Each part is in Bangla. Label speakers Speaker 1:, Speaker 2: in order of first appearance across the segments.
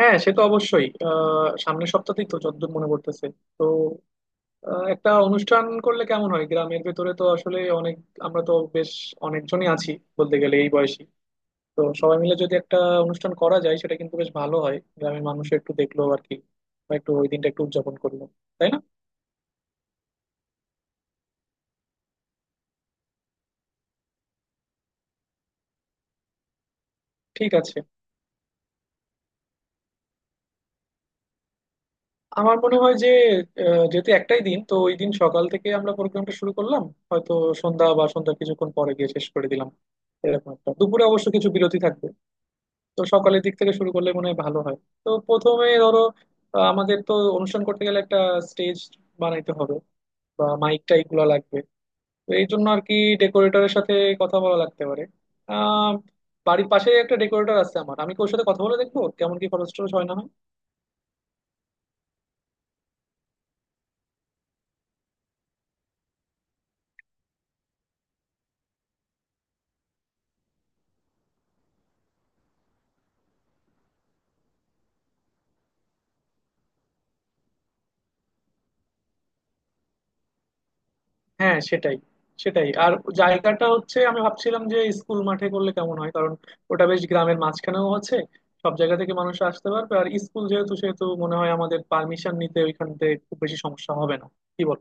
Speaker 1: হ্যাঁ, সে তো অবশ্যই। সামনের সপ্তাহেই তো যতদূর মনে করতেছে। তো একটা অনুষ্ঠান করলে কেমন হয়? গ্রামের ভেতরে তো আসলে অনেক আমরা তো বেশ অনেকজনই আছি, বলতে গেলে এই বয়সী। তো সবাই মিলে যদি একটা অনুষ্ঠান করা যায়, সেটা কিন্তু বেশ ভালো হয়। গ্রামের মানুষ একটু দেখলো আর কি, বা একটু ওই দিনটা একটু উদযাপন করলো। তাই না? ঠিক আছে। আমার মনে হয় যে যেহেতু একটাই দিন, তো ওই দিন সকাল থেকে আমরা প্রোগ্রামটা শুরু করলাম, হয়তো সন্ধ্যা বা সন্ধ্যার কিছুক্ষণ পরে গিয়ে শেষ করে দিলাম, এরকম একটা। দুপুরে অবশ্য কিছু বিরতি থাকবে। তো সকালের দিক থেকে শুরু করলে মনে হয় ভালো হয়। তো প্রথমে ধরো, আমাদের তো অনুষ্ঠান করতে গেলে একটা স্টেজ বানাইতে হবে, বা মাইক টাইক গুলো লাগবে। তো এই জন্য আর কি ডেকোরেটরের সাথে কথা বলা লাগতে পারে। আহ বাড়ির পাশে একটা ডেকোরেটর আছে আমার, আমি কি ওর সাথে কথা বলে দেখবো কেমন কি খরচ টরচ হয় না হয়? হ্যাঁ, সেটাই সেটাই আর জায়গাটা হচ্ছে, আমি ভাবছিলাম যে স্কুল মাঠে করলে কেমন হয়, কারণ ওটা বেশ গ্রামের মাঝখানেও আছে, সব জায়গা থেকে মানুষ আসতে পারবে, আর স্কুল যেহেতু সেহেতু মনে হয় আমাদের পারমিশন নিতে ওইখান থেকে খুব বেশি সমস্যা হবে না। কি বল?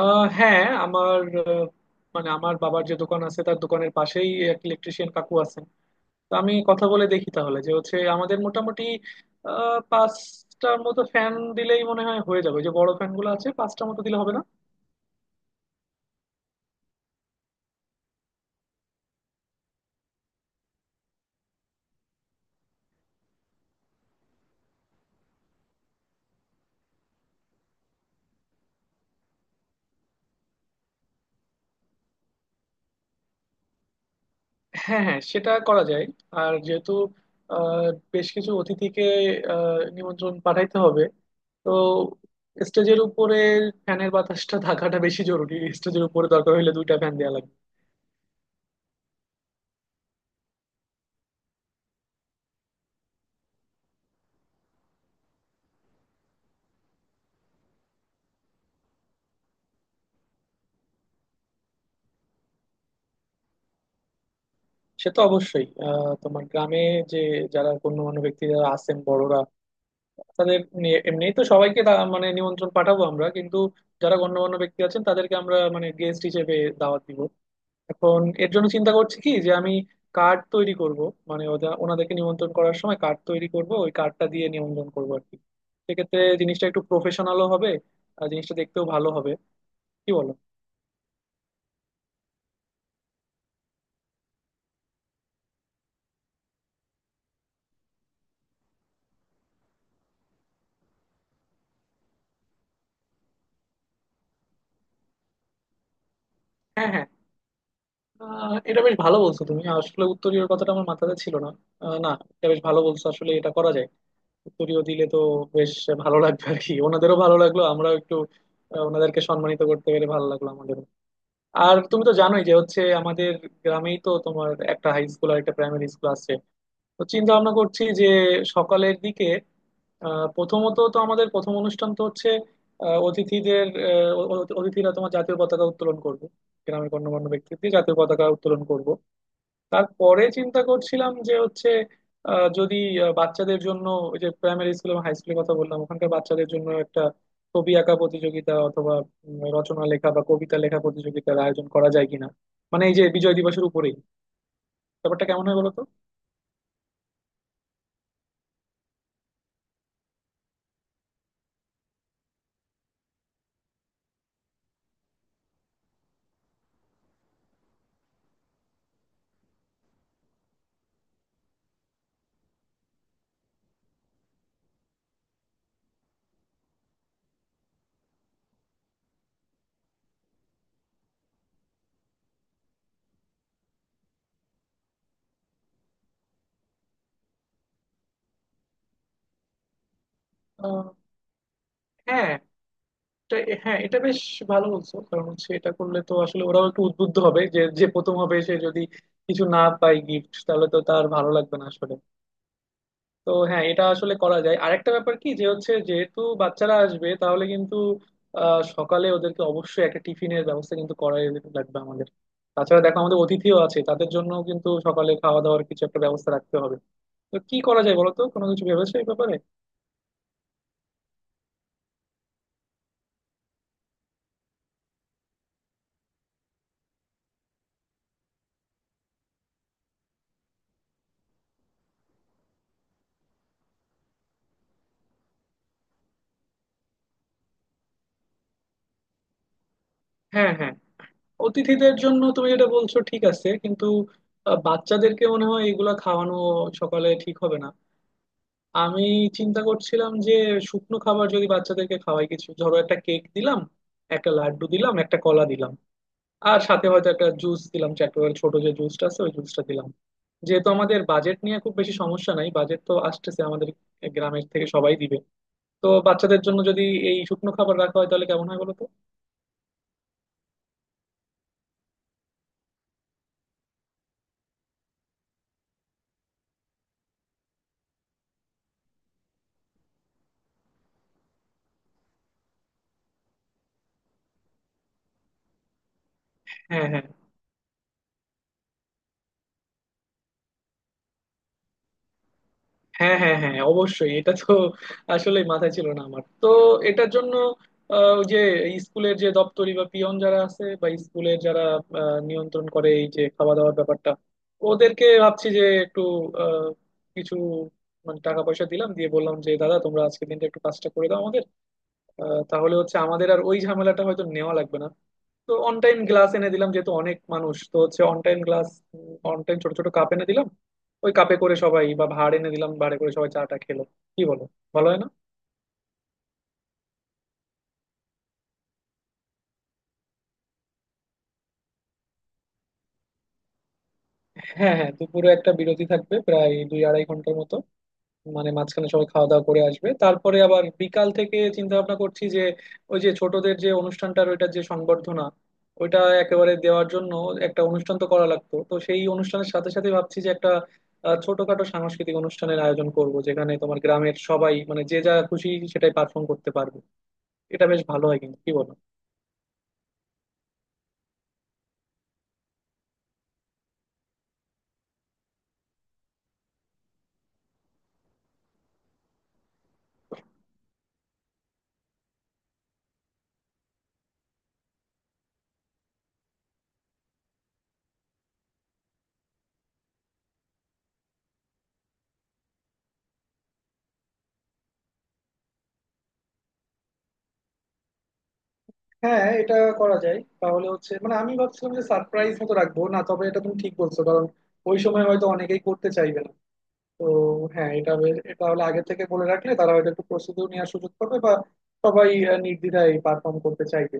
Speaker 1: হ্যাঁ, আমার মানে আমার বাবার যে দোকান আছে তার দোকানের পাশেই এক ইলেকট্রিশিয়ান কাকু আছেন। তো আমি কথা বলে দেখি তাহলে, যে হচ্ছে আমাদের মোটামুটি পাঁচটার মতো ফ্যান দিলেই মনে হয় হয়ে যাবে। ওই যে বড় ফ্যান গুলো আছে, পাঁচটার মতো দিলে হবে না? হ্যাঁ হ্যাঁ, সেটা করা যায়। আর যেহেতু আহ, বেশ কিছু অতিথিকে নিমন্ত্রণ পাঠাইতে হবে, তো স্টেজের উপরে ফ্যানের বাতাসটা থাকাটা বেশি জরুরি, স্টেজের উপরে দরকার হলে দুইটা ফ্যান দেওয়া লাগবে। সে তো অবশ্যই। তোমার গ্রামে যে যারা গণ্যমান্য ব্যক্তি যারা আছেন, বড়রা, তাদের নিয়ে এমনিই তো সবাইকে মানে নিমন্ত্রণ পাঠাবো আমরা, কিন্তু যারা গণ্যমান্য ব্যক্তি আছেন তাদেরকে আমরা মানে গেস্ট হিসেবে দাওয়াত দিব। এখন এর জন্য চিন্তা করছি কি, যে আমি কার্ড তৈরি করব। মানে ওদের ওনাদেরকে নিমন্ত্রণ করার সময় কার্ড তৈরি করব, ওই কার্ডটা দিয়ে নিমন্ত্রণ করবো আর কি। সেক্ষেত্রে জিনিসটা একটু প্রফেশনালও হবে, আর জিনিসটা দেখতেও ভালো হবে। কি বলো? হ্যাঁ হ্যাঁ। এটা বেশ ভালো বলছো তুমি, আসলে উত্তরীয় কথাটা আমার মাথাতে ছিল না। না, এটা বেশ ভালো বলছো। আসলে এটা করা যায়, উত্তরীয় দিলে তো বেশ ভালো লাগবে আর কি। ওনাদেরও ভালো লাগলো, আমরাও একটু ওনাদেরকে সম্মানিত করতে পেরে ভালো লাগলো আমাদের। আর তুমি তো জানোই যে হচ্ছে আমাদের গ্রামেই তো তোমার একটা হাই স্কুল আর একটা প্রাইমারি স্কুল আছে। তো চিন্তা ভাবনা করছি যে সকালের দিকে প্রথমত তো আমাদের প্রথম অনুষ্ঠান তো হচ্ছে অতিথিদের, অতিথিরা তোমার জাতীয় পতাকা উত্তোলন করবে, গ্রামের গণ্যমান্য ব্যক্তিদের জাতীয় পতাকা উত্তোলন করব। তারপরে চিন্তা করছিলাম যে হচ্ছে যদি বাচ্চাদের জন্য, ওই যে প্রাইমারি স্কুল এবং হাই স্কুলের কথা বললাম, ওখানকার বাচ্চাদের জন্য একটা ছবি আঁকা প্রতিযোগিতা অথবা রচনা লেখা বা কবিতা লেখা প্রতিযোগিতার আয়োজন করা যায় কিনা, মানে এই যে বিজয় দিবসের উপরেই। ব্যাপারটা কেমন হয় বলতো? আহ, হ্যাঁ এটা হ্যাঁ, এটা বেশ ভালো বলছো, কারণ হচ্ছে এটা করলে তো আসলে ওরাও একটু উদ্বুদ্ধ হবে, যে যে প্রথম হবে সে যদি কিছু না পায় গিফট, তাহলে তো তার ভালো লাগবে না আসলে। তো হ্যাঁ, এটা আসলে করা যায়। আরেকটা ব্যাপার কি, যে হচ্ছে যেহেতু বাচ্চারা আসবে তাহলে কিন্তু সকালে ওদেরকে অবশ্যই একটা টিফিনের ব্যবস্থা কিন্তু করাই লাগবে আমাদের। তাছাড়া দেখো আমাদের অতিথিও আছে, তাদের জন্য কিন্তু সকালে খাওয়া দাওয়ার কিছু একটা ব্যবস্থা রাখতে হবে। তো কি করা যায় বলো তো, কোনো কিছু ভেবেছো এই ব্যাপারে? হ্যাঁ হ্যাঁ, অতিথিদের জন্য তুমি যেটা বলছো ঠিক আছে, কিন্তু বাচ্চাদেরকে মনে হয় এগুলা খাওয়ানো সকালে ঠিক হবে না। আমি চিন্তা করছিলাম যে শুকনো খাবার যদি বাচ্চাদেরকে খাওয়াই, কিছু ধরো একটা কেক দিলাম, একটা লাড্ডু দিলাম, একটা কলা দিলাম, আর সাথে হয়তো একটা জুস দিলাম, চ্যাটোয়াল ছোট যে জুসটা আছে ওই জুসটা দিলাম। যেহেতু আমাদের বাজেট নিয়ে খুব বেশি সমস্যা নাই, বাজেট তো আসতেছে আমাদের গ্রামের থেকে, সবাই দিবে। তো বাচ্চাদের জন্য যদি এই শুকনো খাবার রাখা হয় তাহলে কেমন হয় বলো তো? হ্যাঁ হ্যাঁ হ্যাঁ হ্যাঁ হ্যাঁ, অবশ্যই। এটা তো আসলে মাথায় ছিল না আমার তো। এটার জন্য ওই যে স্কুলের যে দপ্তরি বা পিয়ন যারা আছে, বা স্কুলের যারা নিয়ন্ত্রণ করে এই যে খাওয়া দাওয়ার ব্যাপারটা, ওদেরকে ভাবছি যে একটু আহ, কিছু মানে টাকা পয়সা দিলাম, দিয়ে বললাম যে দাদা তোমরা আজকে দিনটা একটু কাজটা করে দাও আমাদের। তাহলে হচ্ছে আমাদের আর ওই ঝামেলাটা হয়তো নেওয়া লাগবে না। তো অন টাইম গ্লাস এনে দিলাম, যেহেতু অনেক মানুষ, তো হচ্ছে on time glass, on time ছোট ছোট কাপ এনে দিলাম, ওই কাপে করে সবাই, বা ভাঁড় এনে দিলাম ভাঁড়ে করে সবাই চাটা খেলো। কি বলো, ভালো হয় না? হ্যাঁ হ্যাঁ, দুপুরে একটা বিরতি থাকবে প্রায় দুই আড়াই ঘন্টার মতো। মানে মাঝখানে সবাই খাওয়া দাওয়া করে আসবে, তারপরে আবার বিকাল থেকে চিন্তা ভাবনা করছি যে ওই যে ছোটদের যে অনুষ্ঠানটা, ওইটার যে সংবর্ধনা, ওইটা একেবারে দেওয়ার জন্য একটা অনুষ্ঠান তো করা লাগতো, তো সেই অনুষ্ঠানের সাথে সাথে ভাবছি যে একটা ছোটখাটো সাংস্কৃতিক অনুষ্ঠানের আয়োজন করব, যেখানে তোমার গ্রামের সবাই মানে যে যা খুশি সেটাই পারফর্ম করতে পারবে। এটা বেশ ভালো হয় কিন্তু, কি বলো? হ্যাঁ, এটা করা যায় তাহলে। হচ্ছে মানে আমি ভাবছিলাম যে সারপ্রাইজ মতো রাখবো না, তবে এটা তুমি ঠিক বলছো, কারণ ওই সময় হয়তো অনেকেই করতে চাইবে না। তো হ্যাঁ, এটা হলে আগে থেকে বলে রাখলে তারা হয়তো একটু প্রস্তুতিও নেওয়ার সুযোগ পাবে, বা সবাই নির্দ্বিধায় পারফর্ম করতে চাইবে।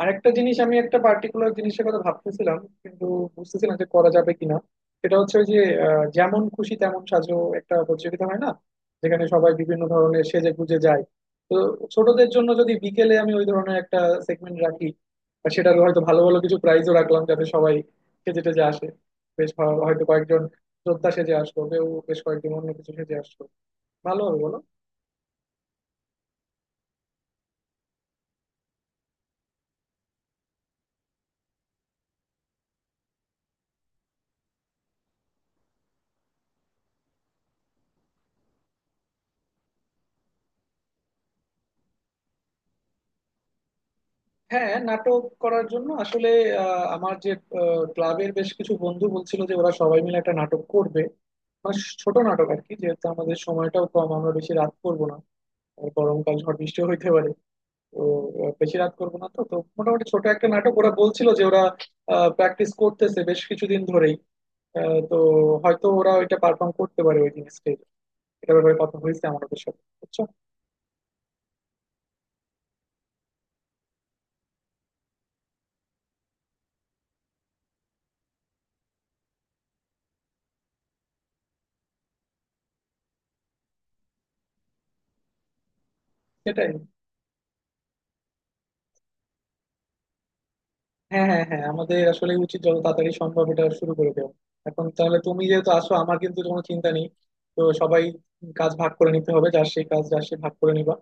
Speaker 1: আরেকটা জিনিস, আমি একটা পার্টিকুলার জিনিসের কথা ভাবতেছিলাম, কিন্তু বুঝতেছি না যে করা যাবে কিনা। সেটা হচ্ছে ওই যে যেমন খুশি তেমন সাজো, একটা প্রতিযোগিতা হয় না, যেখানে সবাই বিভিন্ন ধরনের সেজে গুজে যায়। তো ছোটদের জন্য যদি বিকেলে আমি ওই ধরনের একটা সেগমেন্ট রাখি, আর সেটা হয়তো ভালো ভালো কিছু প্রাইজও রাখলাম, যাতে সবাই সেজে টেজে আসে। বেশ ভালো, হয়তো কয়েকজন যোদ্ধা সেজে আসলো, কেউ বেশ কয়েকজন অন্য কিছু সেজে আসলো। ভালো হবে বলো? হ্যাঁ, নাটক করার জন্য আসলে আমার যে ক্লাবের বেশ কিছু বন্ধু বলছিল যে ওরা সবাই মিলে একটা নাটক করবে, মানে ছোট নাটক আর কি। যেহেতু আমাদের সময়টাও কম, আমরা বেশি রাত করবো না, আর গরমকাল ঝড় বৃষ্টিও হইতে পারে। তো বেশি রাত করবো না, তো তো মোটামুটি ছোট একটা নাটক ওরা বলছিল যে ওরা প্র্যাকটিস করতেছে বেশ কিছুদিন ধরেই। তো হয়তো ওরা ওইটা পারফর্ম করতে পারে ওই দিন স্টেজে। এটা ব্যাপারে কথা হয়েছে আমাদের সাথে, বুঝছো? সেটাই। হ্যাঁ হ্যাঁ হ্যাঁ, আমাদের আসলে উচিত যত তাড়াতাড়ি সম্ভব এটা শুরু করে দেওয়া। এখন তাহলে তুমি যেহেতু আসো, আমার কিন্তু কোনো চিন্তা নেই। তো সবাই কাজ ভাগ করে নিতে হবে, যার সেই কাজ, যার সে ভাগ করে নিবা,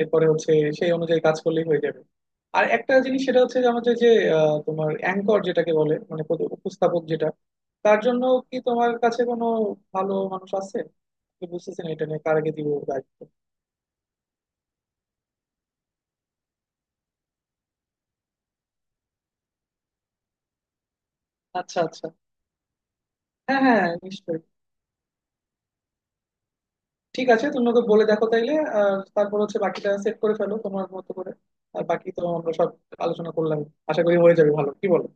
Speaker 1: এরপরে হচ্ছে সেই অনুযায়ী কাজ করলেই হয়ে যাবে। আর একটা জিনিস, সেটা হচ্ছে যে আমাদের যে তোমার অ্যাঙ্কর যেটাকে বলে, মানে উপস্থাপক যেটা, তার জন্য কি তোমার কাছে কোনো ভালো মানুষ আছে? আমি বুঝতেছি না এটা নিয়ে কার আগে দিব দায়িত্ব। আচ্ছা আচ্ছা। হ্যাঁ হ্যাঁ, নিশ্চয়ই। ঠিক আছে, তুমি ওকে বলে দেখো তাইলে। আর তারপর হচ্ছে বাকিটা সেট করে ফেলো তোমার মতো করে, আর বাকি তো আমরা সব আলোচনা করলাম। আশা করি হয়ে যাবে ভালো, কি বলো?